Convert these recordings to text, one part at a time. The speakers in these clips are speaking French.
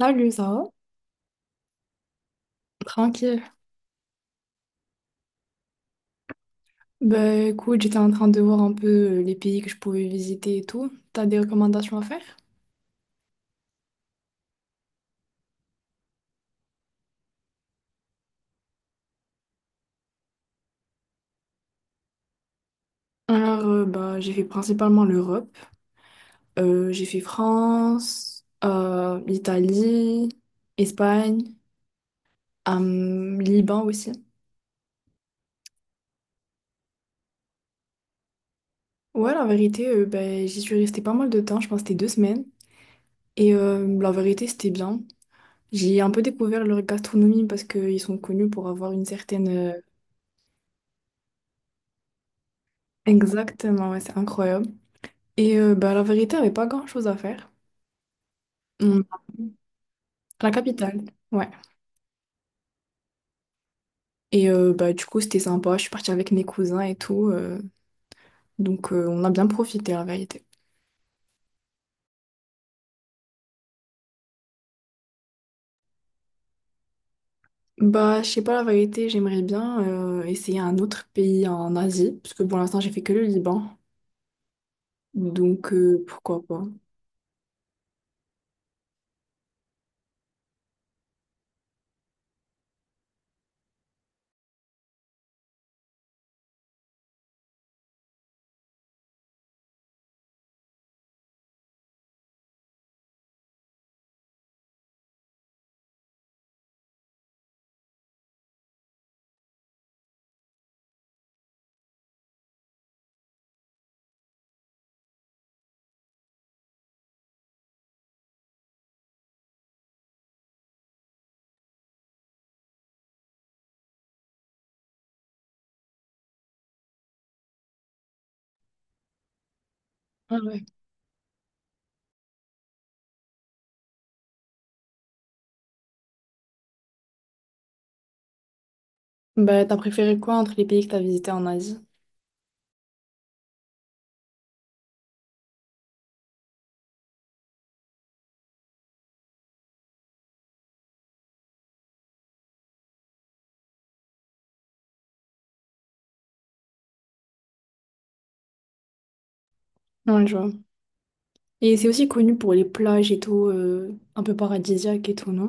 Salut, ça va? Tranquille. Bah écoute, j'étais en train de voir un peu les pays que je pouvais visiter et tout. T'as des recommandations à faire? Alors, bah, j'ai fait principalement l'Europe. J'ai fait France, Italie, Espagne, Liban aussi. Ouais, la vérité, bah, j'y suis restée pas mal de temps, je pense que c'était deux semaines. Et la vérité, c'était bien. J'ai un peu découvert leur gastronomie parce qu'ils sont connus pour avoir une certaine... Exactement, ouais, c'est incroyable. Et bah, la vérité, il n'y avait pas grand-chose à faire. Mm. À la capitale, ouais. Et bah, du coup, c'était sympa. Je suis partie avec mes cousins et tout. Donc, on a bien profité, la vérité. Bah, je sais pas, la vérité, j'aimerais bien essayer un autre pays en Asie. Parce que pour l'instant, j'ai fait que le Liban. Donc, pourquoi pas. Ah ouais. Bah, t'as préféré quoi entre les pays que t'as visités en Asie? Ouais, je vois. Et c'est aussi connu pour les plages et tout, un peu paradisiaque et tout, non?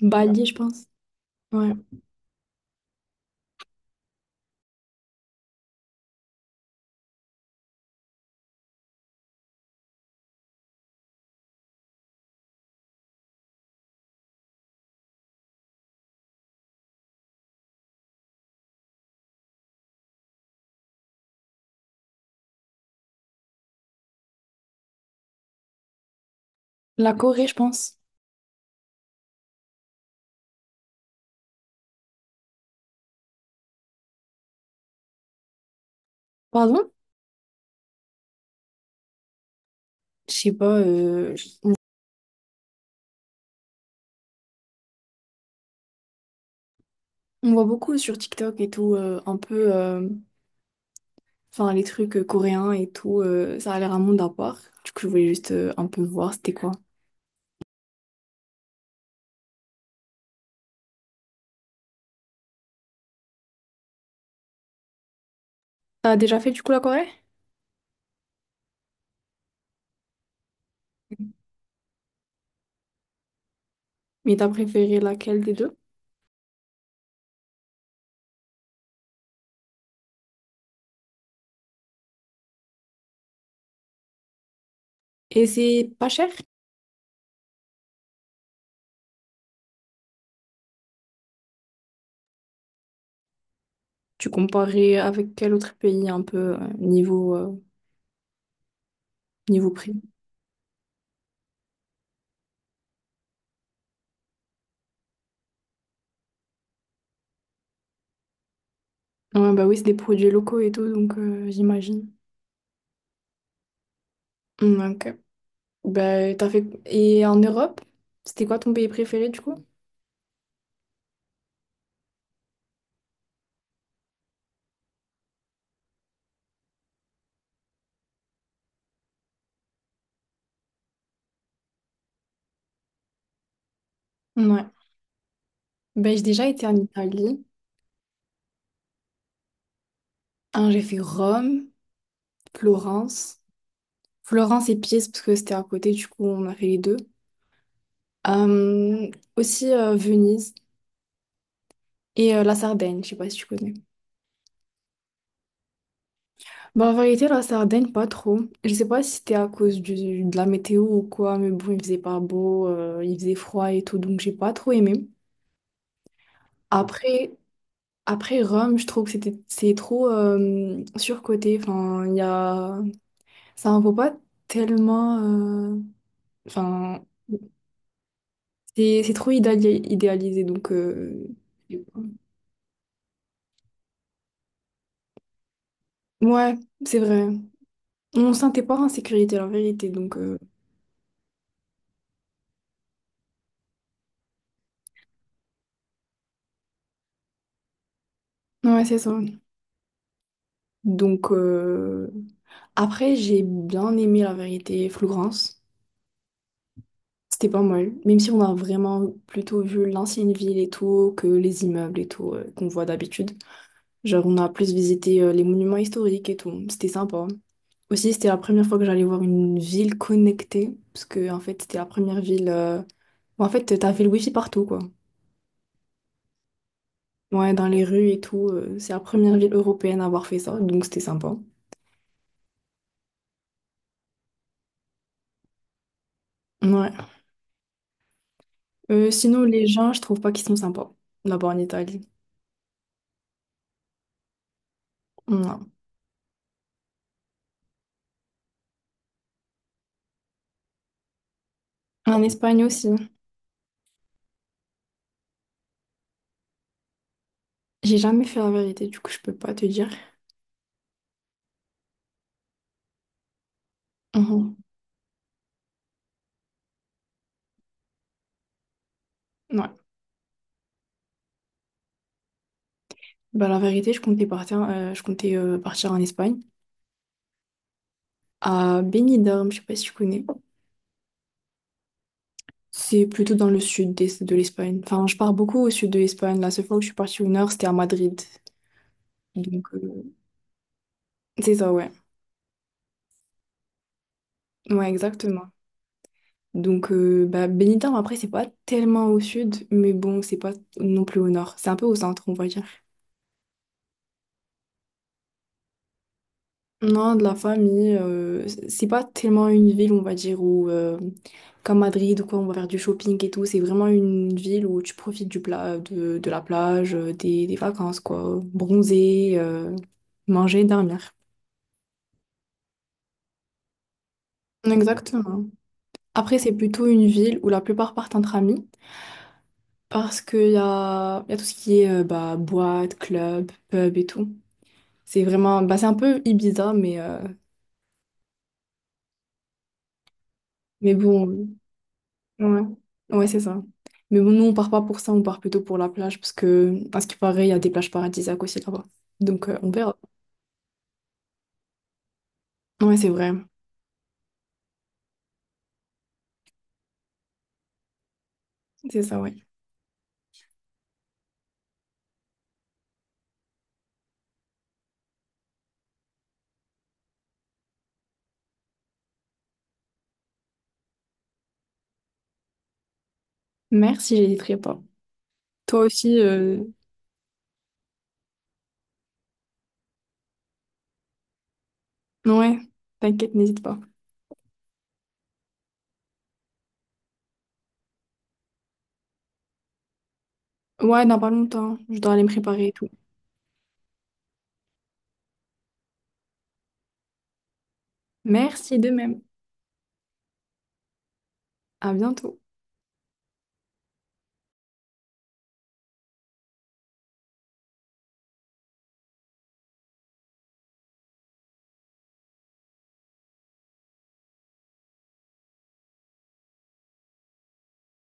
Bali, je pense. Ouais. La Corée, je pense. Pardon? Je sais pas, on voit beaucoup sur TikTok et tout, un peu, enfin les trucs coréens et tout, ça a l'air un monde à part. Du coup, je voulais juste un peu voir c'était quoi. T'as déjà fait du coup la Corée? Mais t'as préféré laquelle des deux? Et c'est pas cher? Tu comparais avec quel autre pays un peu niveau prix? Ouais, bah oui, c'est des produits locaux et tout, donc j'imagine. Mm, ok. Bah, t'as fait... Et en Europe, c'était quoi ton pays préféré du coup? Ouais. Ben, j'ai déjà été en Italie. Un, j'ai fait Rome, Florence. Florence et Pise, parce que c'était à côté, du coup, on a fait les deux. Euh, aussi Venise et la Sardaigne, je sais pas si tu connais. Bah, en vérité, la Sardaigne, pas trop. Je sais pas si c'était à cause de la météo ou quoi, mais bon, il faisait pas beau, il faisait froid et tout, donc j'ai pas trop aimé. Après, après Rome, je trouve que c'est trop surcoté. Enfin, il y a... Ça en vaut pas tellement... Enfin, c'est trop idéalisé, donc... Ouais, c'est vrai. On se sentait pas en sécurité, en vérité, donc... Ouais, c'est ça. Donc, après, j'ai bien aimé, la vérité, Flougrance. C'était pas mal, même si on a vraiment plutôt vu l'ancienne ville et tout, que les immeubles et tout, qu'on voit d'habitude. Genre, on a plus visité, les monuments historiques et tout. C'était sympa. Aussi, c'était la première fois que j'allais voir une ville connectée, parce que en fait, c'était la première ville. Où, en fait, t'avais le wifi partout, quoi. Ouais, dans les rues et tout. C'est la première ville européenne à avoir fait ça, donc c'était sympa. Ouais. Sinon, les gens, je trouve pas qu'ils sont sympas là-bas en Italie. Non. En Espagne aussi. J'ai jamais fait la vérité, du coup, je peux pas te dire. Mhm. Ouais. Bah, la vérité, je comptais partir en Espagne, à Benidorm, je sais pas si tu connais. C'est plutôt dans le sud de l'Espagne. Enfin, je pars beaucoup au sud de l'Espagne. La seule fois où je suis partie au nord, c'était à Madrid. Donc, c'est ça, ouais. Ouais, exactement. Donc, bah, Benidorm, après, c'est pas tellement au sud, mais bon, c'est pas non plus au nord. C'est un peu au centre, on va dire. Non, de la famille, c'est pas tellement une ville, on va dire, où, comme Madrid, ou quoi, on va faire du shopping et tout. C'est vraiment une ville où tu profites de la plage, des vacances, quoi. Bronzer, manger, dormir. Exactement. Après, c'est plutôt une ville où la plupart partent entre amis parce y a tout ce qui est bah, boîte, club, pub et tout. C'est vraiment, bah, c'est un peu Ibiza, mais bon, ouais, ouais, c'est ça. Mais bon, nous, on part pas pour ça, on part plutôt pour la plage parce que, à ce qui paraît, il y a des plages paradisiaques aussi là-bas. Donc, on verra. Ouais, c'est vrai. C'est ça, ouais. Merci, j'hésiterai pas. Toi aussi, ouais, t'inquiète, n'hésite pas. Ouais, dans pas longtemps, je dois aller me préparer et tout. Merci de même. À bientôt.